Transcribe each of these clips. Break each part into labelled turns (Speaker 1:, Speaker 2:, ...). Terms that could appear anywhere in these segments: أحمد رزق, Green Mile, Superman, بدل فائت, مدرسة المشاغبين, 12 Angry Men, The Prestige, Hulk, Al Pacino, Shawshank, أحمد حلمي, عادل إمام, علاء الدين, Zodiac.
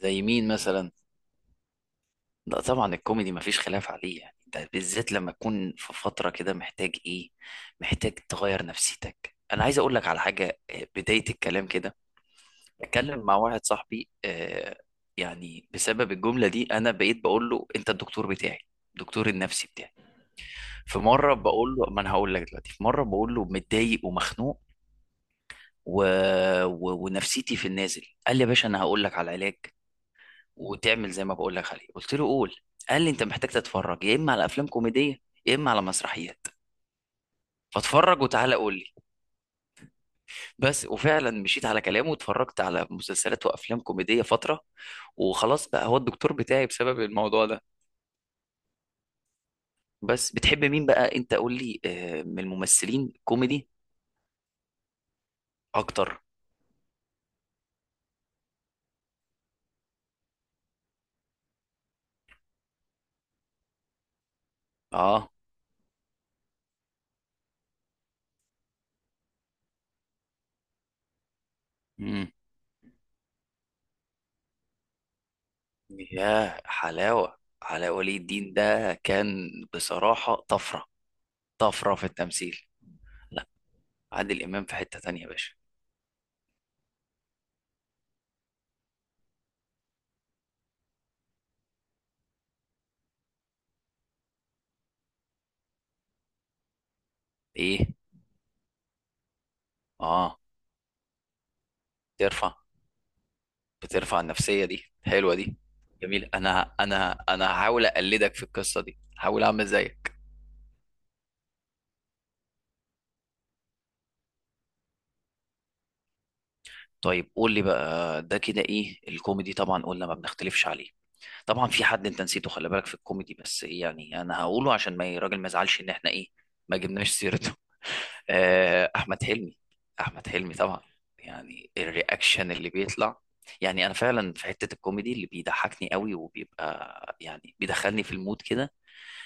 Speaker 1: زي مين مثلا؟ لا طبعا الكوميدي مفيش خلاف عليه. يعني انت بالذات لما تكون في فترة كده محتاج ايه؟ محتاج تغير نفسيتك. انا عايز اقول لك على حاجة، بداية الكلام كده اتكلم مع واحد صاحبي، يعني بسبب الجملة دي انا بقيت بقول له انت الدكتور بتاعي، الدكتور النفسي بتاعي. في مرة بقول له، ما انا هقول لك دلوقتي، في مرة بقول له متضايق ومخنوق و... ونفسيتي في النازل. قال لي يا باشا انا هقول لك على علاج وتعمل زي ما بقول لك عليه. قلت له قول. قال لي انت محتاج تتفرج يا اما على افلام كوميديه يا اما على مسرحيات، فاتفرج وتعالى قول لي. بس وفعلا مشيت على كلامه واتفرجت على مسلسلات وافلام كوميديه فتره، وخلاص بقى هو الدكتور بتاعي بسبب الموضوع ده. بس بتحب مين بقى انت؟ قول لي من الممثلين كوميدي اكتر. اه. امم يا حلاوه، علاء ولي الدين ده كان بصراحه طفره. طفره في التمثيل. لا، عادل امام في حته تانية يا باشا. ايه. اه. بترفع بترفع النفسية، دي حلوة دي. جميل. انا هحاول اقلدك في القصة دي، هحاول اعمل زيك. طيب قول لي بقى، ده كده ايه؟ الكوميدي طبعا قلنا ما بنختلفش عليه. طبعا في حد انت نسيته، خلي بالك في الكوميدي، بس إيه يعني، انا هقوله عشان ما الراجل ما يزعلش ان احنا ايه، ما جبناش سيرته. احمد حلمي. احمد حلمي طبعا. يعني الرياكشن اللي بيطلع، يعني انا فعلا في حتة الكوميدي اللي بيضحكني قوي، وبيبقى يعني بيدخلني في المود كده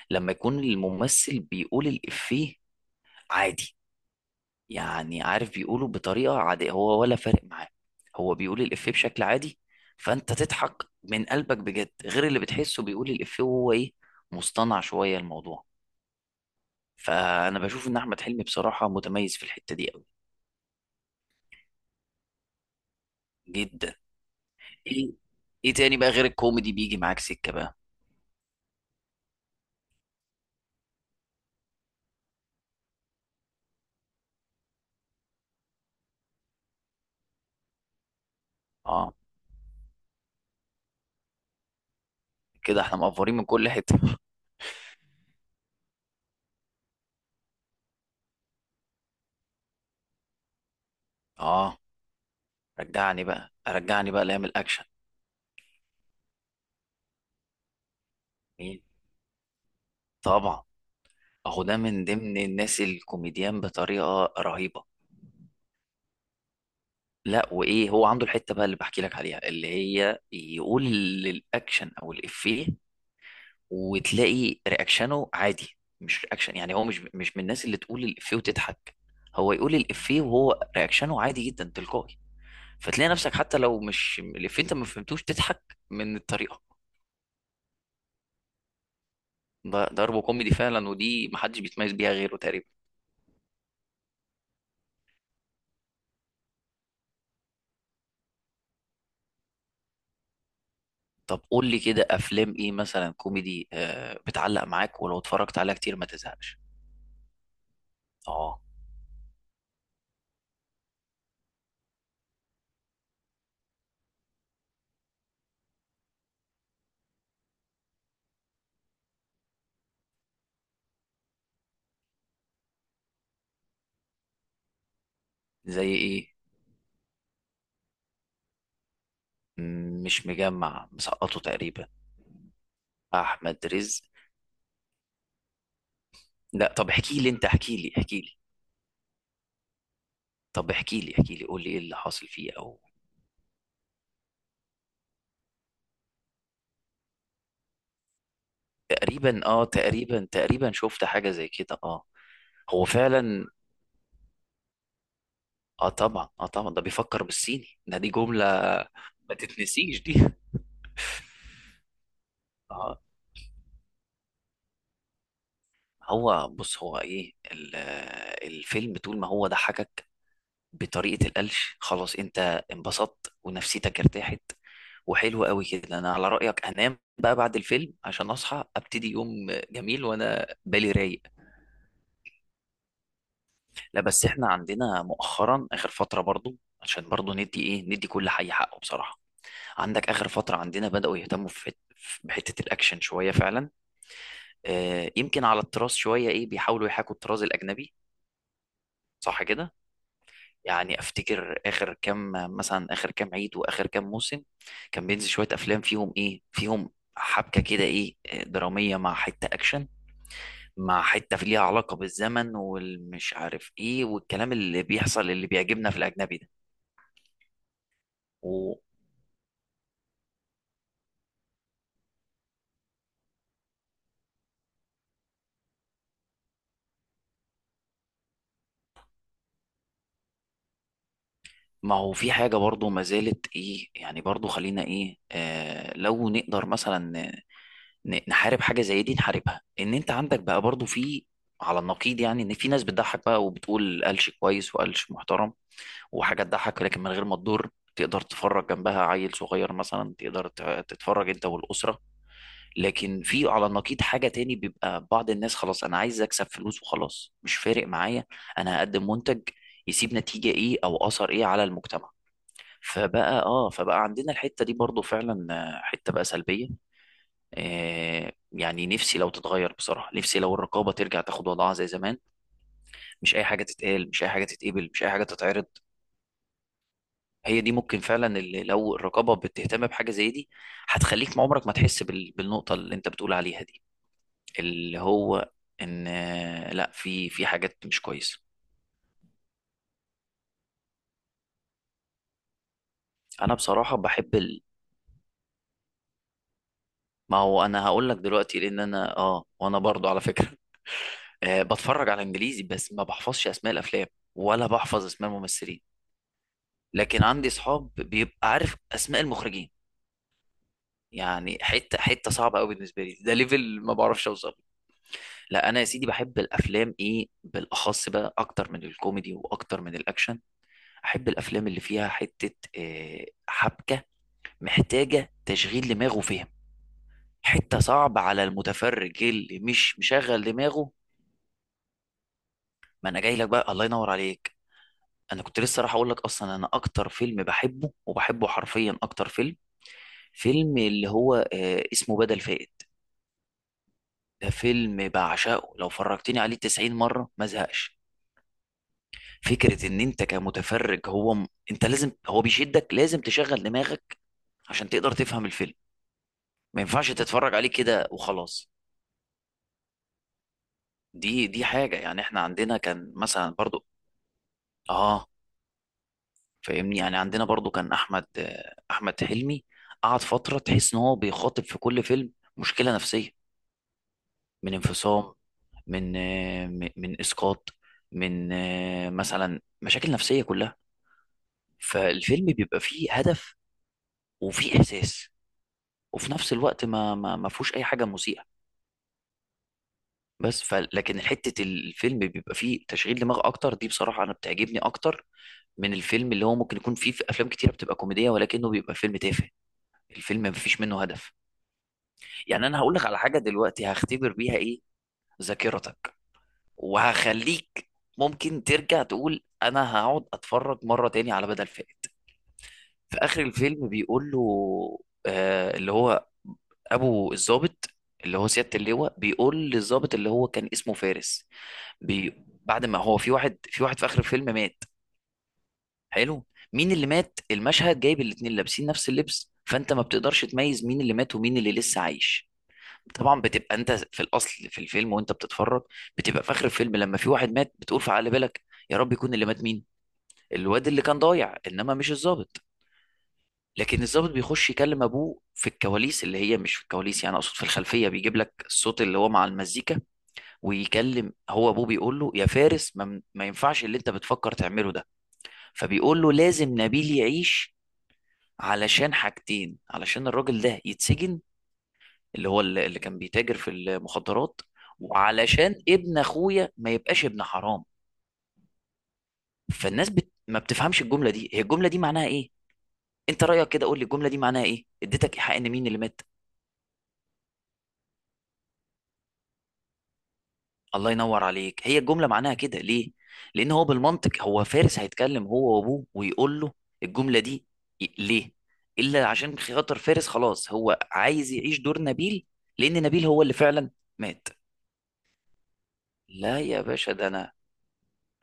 Speaker 1: لما يكون الممثل بيقول الإفيه عادي. يعني عارف بيقوله بطريقة عادية هو، ولا فارق معاه. هو بيقول الإفيه بشكل عادي، فأنت تضحك من قلبك بجد، غير اللي بتحسه بيقول الإفيه وهو إيه، مصطنع شوية الموضوع. فأنا بشوف إن أحمد حلمي بصراحة متميز في الحتة دي أوي. جدا. إيه. إيه تاني بقى غير الكوميدي بيجي معاك سكة بقى؟ آه. كده إحنا مقفورين من كل حتة. آه. رجعني بقى، رجعني بقى لأيام الأكشن. مين؟ طبعا، اهو ده من ضمن الناس الكوميديان بطريقه رهيبه. لا وايه، هو عنده الحته بقى اللي بحكي لك عليها، اللي هي يقول الاكشن او الافيه وتلاقي رياكشنه عادي، مش رياكشن. يعني هو مش من الناس اللي تقول الافيه وتضحك، هو يقول الافيه وهو رياكشنه عادي جدا، تلقائي. فتلاقي نفسك حتى لو مش الافيه، انت ما فهمتوش تضحك من الطريقه. ده ضرب كوميدي فعلا، ودي محدش بيتميز بيها غيره تقريبا. طب قول لي كده افلام ايه مثلا كوميدي بتعلق معاك، ولو اتفرجت عليها كتير ما تزهقش؟ اه. زي ايه؟ مش مجمع مسقطه تقريبا؟ احمد رزق. لا، طب احكي لي انت، احكي لي. طب احكي لي قول لي ايه اللي حاصل فيه او... تقريبا اه، تقريبا، تقريبا شفت حاجة زي كده اه. هو فعلا. اه طبعا. اه طبعا، ده بيفكر بالصيني، ده دي جملة ما تتنسيش دي. اه. هو بص، هو ايه الفيلم طول ما هو ضحكك بطريقة القلش، خلاص انت انبسطت ونفسيتك ارتاحت، وحلو قوي كده. انا على رأيك انام بقى بعد الفيلم عشان اصحى ابتدي يوم جميل وانا بالي رايق. لا بس احنا عندنا مؤخرا، اخر فترة برضو، عشان برضو ندي ايه، ندي كل حي حقه بصراحة. عندك اخر فترة عندنا بدأوا يهتموا في بحتة الاكشن شوية فعلا. يمكن على الطراز شوية ايه، بيحاولوا يحاكوا الطراز الاجنبي، صح كده؟ يعني افتكر اخر كام، مثلا اخر كام عيد واخر كام موسم، كان بينزل شويه افلام فيهم ايه، فيهم حبكه كده ايه، دراميه مع حته اكشن، مع حته في ليها علاقه بالزمن والمش عارف ايه، والكلام اللي بيحصل اللي بيعجبنا في الاجنبي ده. وما هو في حاجه برضو ما زالت ايه يعني، برضو خلينا ايه، لو نقدر مثلا نحارب حاجه زي دي نحاربها. ان انت عندك بقى برضو في على النقيض يعني، ان في ناس بتضحك بقى وبتقول قالش كويس وقالش محترم، وحاجة تضحك لكن من غير ما تضر، تقدر تتفرج جنبها عيل صغير مثلا، تقدر تتفرج انت والأسرة. لكن في على النقيض حاجة تاني، بيبقى بعض الناس خلاص انا عايز اكسب فلوس وخلاص، مش فارق معايا، انا هقدم منتج يسيب نتيجة ايه او اثر ايه على المجتمع. فبقى اه، فبقى عندنا الحتة دي برضو فعلا، حتة بقى سلبية. يعني نفسي لو تتغير بصراحة، نفسي لو الرقابة ترجع تاخد وضعها زي زمان. مش اي حاجة تتقال، مش اي حاجة تتقبل، مش اي حاجة تتعرض. هي دي ممكن فعلا، اللي لو الرقابه بتهتم بحاجه زي دي هتخليك ما عمرك ما تحس بالنقطه اللي انت بتقول عليها دي، اللي هو ان لا، في حاجات مش كويسه. انا بصراحه بحب ما هو انا هقول لك دلوقتي، لان انا اه، وانا برضو على فكره. بتفرج على انجليزي بس ما بحفظش اسماء الافلام ولا بحفظ اسماء الممثلين. لكن عندي اصحاب بيبقى عارف اسماء المخرجين. يعني حته صعبه قوي بالنسبه لي، ده ليفل ما بعرفش اوصل. لا انا يا سيدي بحب الافلام ايه بالاخص بقى، اكتر من الكوميدي واكتر من الاكشن، احب الافلام اللي فيها حته حبكه محتاجه تشغيل دماغ وفهم، حته صعب على المتفرج اللي مش مشغل دماغه. ما انا جاي لك بقى، الله ينور عليك. انا كنت لسه راح اقول لك، اصلا انا اكتر فيلم بحبه، وبحبه حرفيا اكتر فيلم، فيلم اللي هو اسمه بدل فائت. ده فيلم بعشقه، لو فرجتني عليه 90 مره ما زهقش. فكره ان انت كمتفرج هو انت لازم، هو بيشدك، لازم تشغل دماغك عشان تقدر تفهم الفيلم، ما ينفعش تتفرج عليه كده وخلاص. دي حاجه يعني. احنا عندنا كان مثلا برضو اه، فاهمني، يعني عندنا برضو كان احمد، احمد حلمي قعد فتره تحس ان هو بيخاطب في كل فيلم مشكله نفسيه، من انفصام، من من اسقاط، من مثلا مشاكل نفسيه كلها. فالفيلم بيبقى فيه هدف وفيه احساس، وفي نفس الوقت ما فيهوش اي حاجه مسيئه. بس ف لكن حته الفيلم بيبقى فيه تشغيل دماغ اكتر، دي بصراحه انا بتعجبني اكتر من الفيلم اللي هو ممكن يكون فيه، في افلام كتيره بتبقى كوميديه ولكنه بيبقى فيلم تافه، الفيلم مفيش منه هدف. يعني انا هقول لك على حاجه دلوقتي هختبر بيها ايه، ذاكرتك. وهخليك ممكن ترجع تقول انا هقعد اتفرج مره تاني على بدل فائت. في اخر الفيلم بيقول له، اللي هو ابو الضابط، اللي هو سياده اللواء بيقول للضابط اللي هو كان اسمه فارس، بي... بعد ما هو في واحد، في واحد في اخر الفيلم مات. حلو. مين اللي مات؟ المشهد جايب الاتنين لابسين نفس اللبس، فانت ما بتقدرش تميز مين اللي مات ومين اللي لسه عايش. طبعا بتبقى انت في الاصل في الفيلم وانت بتتفرج، بتبقى في اخر الفيلم لما في واحد مات، بتقول في عقل بالك يا رب يكون اللي مات مين، الواد اللي كان ضايع انما مش الضابط. لكن الضابط بيخش يكلم ابوه في الكواليس، اللي هي مش في الكواليس يعني، اقصد في الخلفيه بيجيب لك الصوت اللي هو مع المزيكا، ويكلم هو ابوه، بيقول له يا فارس ما ينفعش اللي انت بتفكر تعمله ده. فبيقول له لازم نبيل يعيش، علشان حاجتين، علشان الراجل ده يتسجن، اللي هو اللي كان بيتاجر في المخدرات، وعلشان ابن اخويا ما يبقاش ابن حرام. فالناس ما بتفهمش الجمله دي، هي الجمله دي معناها ايه؟ انت رايك كده، قول لي الجمله دي معناها ايه، اديتك ايحاء ان مين اللي مات؟ الله ينور عليك. هي الجمله معناها كده ليه؟ لان هو بالمنطق، هو فارس هيتكلم هو وابوه ويقول له الجمله دي ليه؟ الا عشان خاطر فارس خلاص هو عايز يعيش دور نبيل، لان نبيل هو اللي فعلا مات. لا يا باشا، ده انا،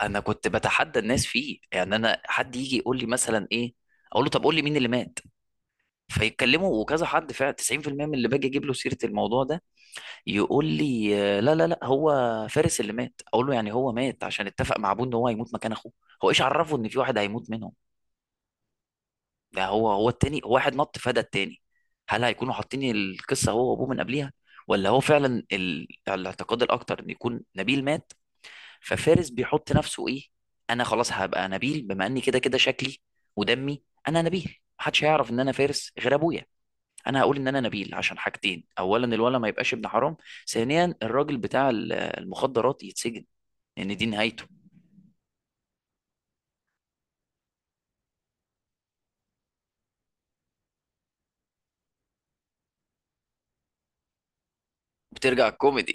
Speaker 1: انا كنت بتحدى الناس فيه يعني. انا حد يجي يقول لي مثلا ايه، اقول له طب قول لي مين اللي مات، فيتكلموا وكذا، حد فعلا 90% من اللي باجي اجيب له سيره الموضوع ده يقول لي لا، لا، لا، هو فارس اللي مات. اقول له يعني هو مات عشان اتفق مع ابوه ان هو هيموت مكان اخوه؟ هو ايش عرفه ان في واحد هيموت منهم؟ ده هو، هو التاني، هو واحد نط فدى التاني. هل هيكونوا حاطين القصه هو وابوه من قبليها؟ ولا هو فعلا الاعتقاد الاكتر ان يكون نبيل مات، ففارس بيحط نفسه ايه، انا خلاص هبقى نبيل، بما اني كده كده شكلي ودمي انا نبيل، محدش هيعرف ان انا فارس غير ابويا. انا هقول ان انا نبيل عشان حاجتين، اولا الولد ما يبقاش ابن حرام، ثانيا الراجل بتاع المخدرات يتسجن، لان دي نهايته. بترجع الكوميدي؟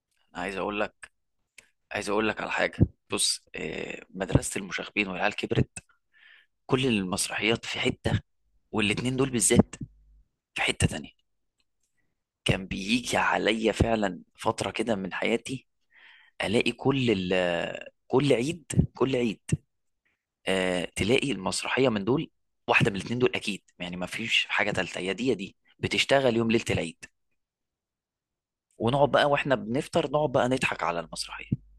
Speaker 1: انا عايز اقول لك، عايز اقول لك على حاجه. بص مدرسه المشاغبين والعيال كبرت، كل المسرحيات في حته، والاتنين دول بالذات في حته تانية. كان بيجي عليا فعلا فتره كده من حياتي الاقي كل كل عيد، كل عيد تلاقي المسرحيه من دول، واحده من الاثنين دول اكيد يعني، ما فيش حاجه ثالثه، يا دي يا دي بتشتغل يوم ليله العيد. ونقعد بقى واحنا بنفطر، نقعد بقى نضحك على المسرحيه.